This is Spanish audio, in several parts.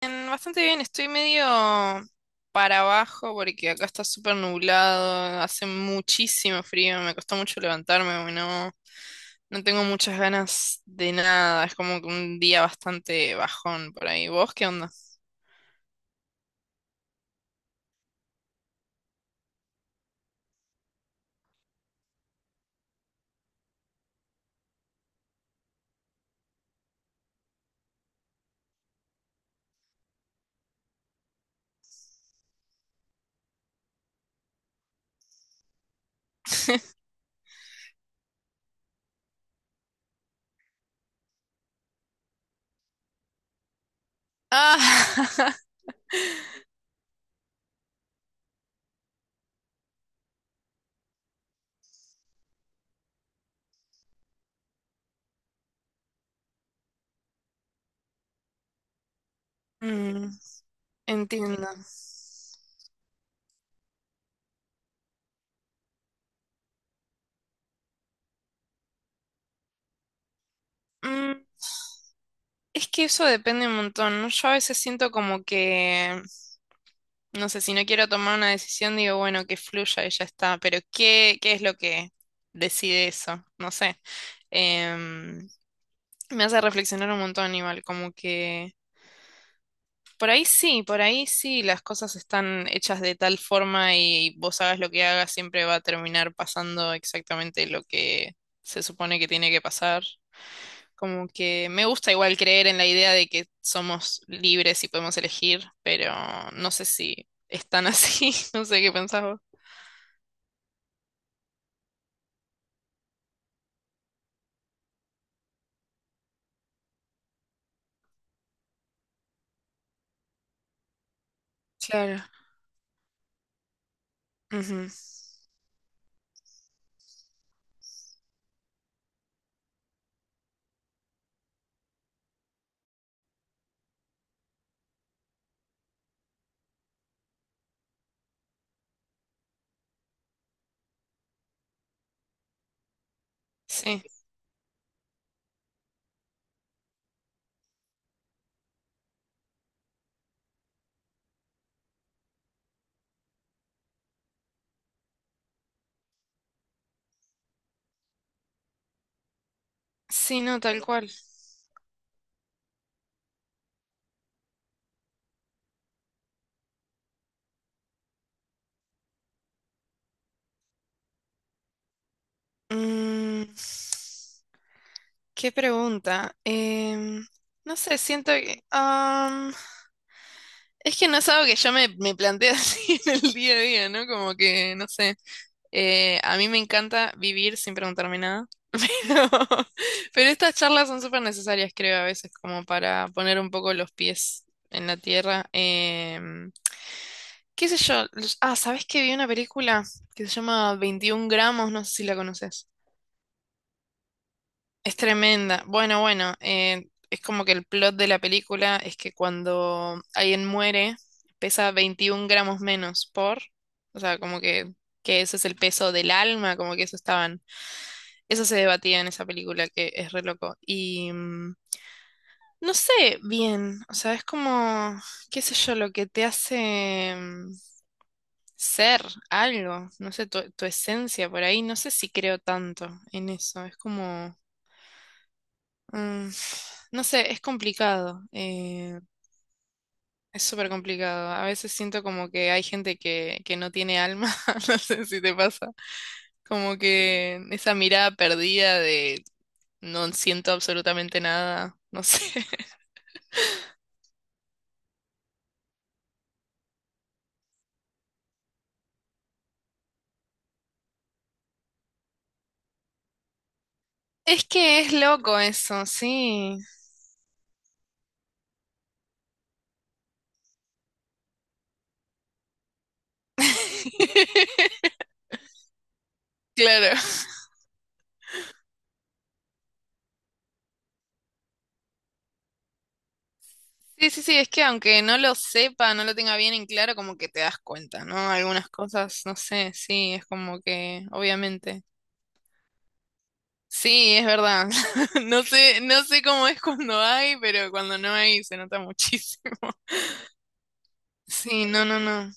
Bien, bastante bien, estoy medio para abajo porque acá está súper nublado, hace muchísimo frío, me costó mucho levantarme, hoy, no, no tengo muchas ganas de nada, es como que un día bastante bajón por ahí. ¿Vos qué onda? Ah, mm, entiendo. Mm, es que eso depende un montón, ¿no? Yo a veces siento como que no sé, si no quiero tomar una decisión, digo, bueno, que fluya y ya está. Pero ¿qué es lo que decide eso? No sé. Em, Me hace reflexionar un montón igual, como que por ahí sí, las cosas están hechas de tal forma y vos hagas lo que hagas, siempre va a terminar pasando exactamente lo que se supone que tiene que pasar. Como que me gusta igual creer en la idea de que somos libres y podemos elegir, pero no sé si es tan así, no sé qué pensás vos. Claro. Ujú. Sí. Sí, no, tal cual. Mm, Qué pregunta. Em, no sé, siento que... es que no es algo que yo me planteo así en el día a día, ¿no? Como que, no sé. A mí me encanta vivir sin preguntarme nada. Pero, pero estas charlas son súper necesarias, creo, a veces, como para poner un poco los pies en la tierra. ¿Qué sé yo? Ah, ¿sabés que vi una película que se llama 21 gramos? No sé si la conoces. Es tremenda. Bueno, bueno, es como que el plot de la película es que cuando alguien muere, pesa 21 gramos menos por, o sea, como que ese es el peso del alma, como que eso estaban, eso se debatía en esa película, que es re loco. Y no sé bien, o sea, es como, qué sé yo, lo que te hace... ser algo, no sé, tu esencia por ahí, no sé si creo tanto en eso, es como, mm, no sé, es complicado, es súper complicado, a veces siento como que hay gente que no tiene alma, no sé si te pasa, como que esa mirada perdida de no siento absolutamente nada, no sé, es que es loco eso, sí, claro. Sí, sí, sí, es que aunque no lo sepa, no lo tenga bien en claro, como que te das cuenta, ¿no? Algunas cosas, no sé, sí, es como que, obviamente. Sí, es verdad. No sé, no sé cómo es cuando hay, pero cuando no hay se nota muchísimo. Sí, no, no, no.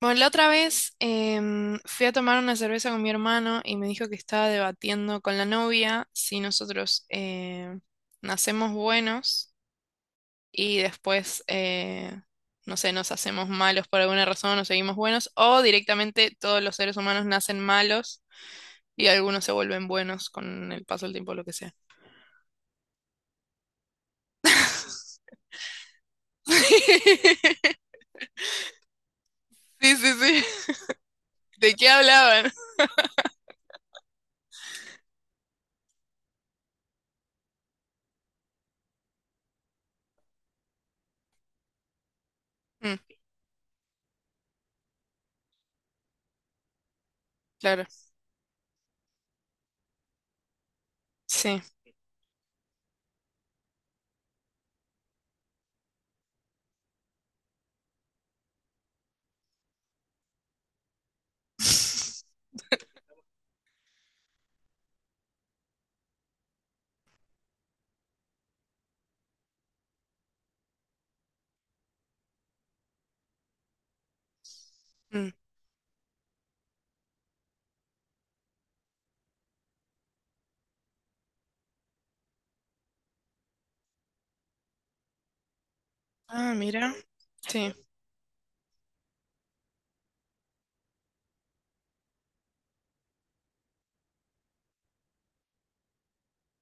Bueno, la otra vez fui a tomar una cerveza con mi hermano y me dijo que estaba debatiendo con la novia si nosotros nacemos buenos y después, no sé, nos hacemos malos por alguna razón, nos seguimos buenos, o directamente todos los seres humanos nacen malos y algunos se vuelven buenos con el paso del tiempo, lo que sea. Sí, sí, sí. ¿De qué hablaban? Mm, claro, sí. Mm. Ah, mira. Sí.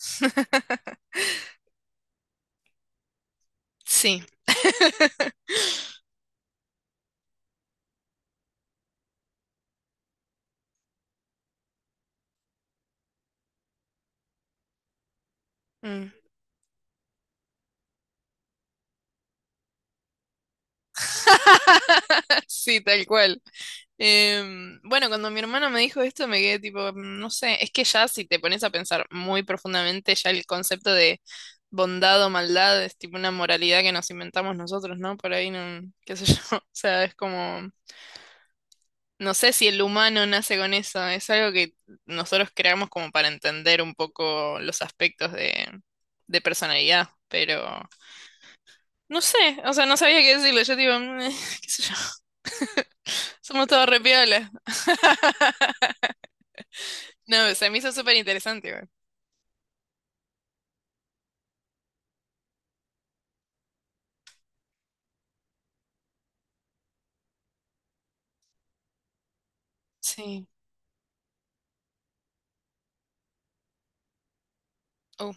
Sí. Mm. Sí, tal cual. Bueno, cuando mi hermana me dijo esto, me quedé tipo, "Mm, no sé, es que ya si te pones a pensar muy profundamente, ya el concepto de bondad o maldad es tipo una moralidad que nos inventamos nosotros, ¿no? Por ahí, no, qué sé yo, o sea, es como, no sé si el humano nace con eso, es algo que nosotros creamos como para entender un poco los aspectos de personalidad, pero... No sé, o sea, no sabía qué decirlo, yo tipo, "Mm, qué sé yo, somos todos re piola. No, se me hizo súper interesante, güey. Sí. Oh.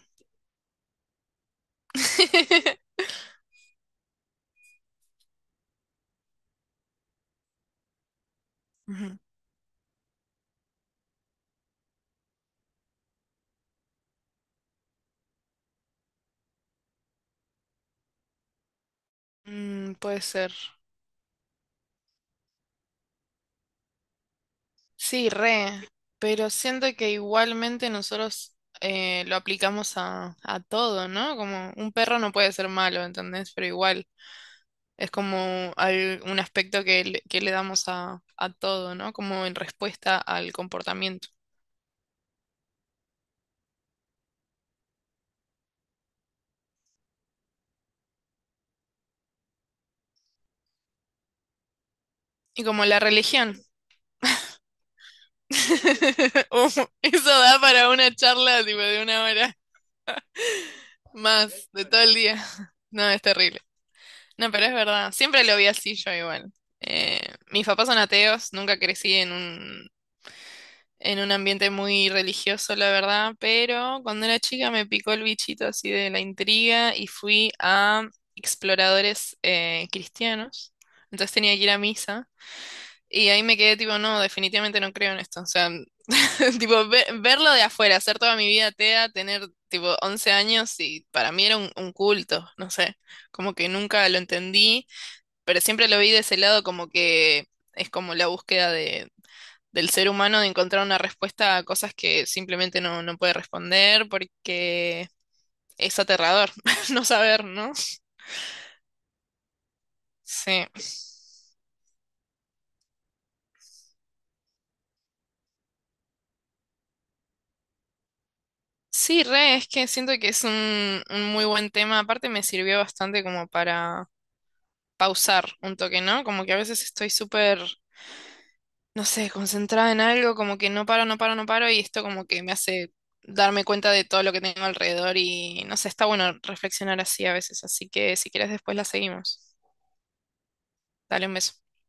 Ujú. Puede ser. Sí, re. Pero siento que igualmente nosotros lo aplicamos a todo, ¿no? Como un perro no puede ser malo, ¿entendés? Pero igual es como un aspecto que le damos a todo, ¿no? Como en respuesta al comportamiento. Y como la religión. Uh, eso da para una charla tipo de una hora. Más de todo el día. No, es terrible. No, pero es verdad. Siempre lo vi así yo igual. Eh, Mis papás son ateos, nunca crecí en un ambiente muy religioso, la verdad, pero cuando era chica me picó el bichito así de la intriga y fui a exploradores cristianos. Entonces tenía que ir a misa. Y ahí me quedé tipo, no, definitivamente no creo en esto. O sea, tipo, verlo de afuera, hacer toda mi vida TEA, tener tipo 11 años y para mí era un culto, no sé, como que nunca lo entendí, pero siempre lo vi de ese lado como que es como la búsqueda de, del ser humano de encontrar una respuesta a cosas que simplemente no, no puede responder porque es aterrador no saber, ¿no? Sí. Sí, re, es que siento que es un muy buen tema. Aparte me sirvió bastante como para pausar un toque, ¿no? Como que a veces estoy súper, no sé, concentrada en algo, como que no paro, no paro, no paro, y esto como que me hace darme cuenta de todo lo que tengo alrededor y no sé, está bueno reflexionar así a veces, así que si quieres después la seguimos. Dale un beso.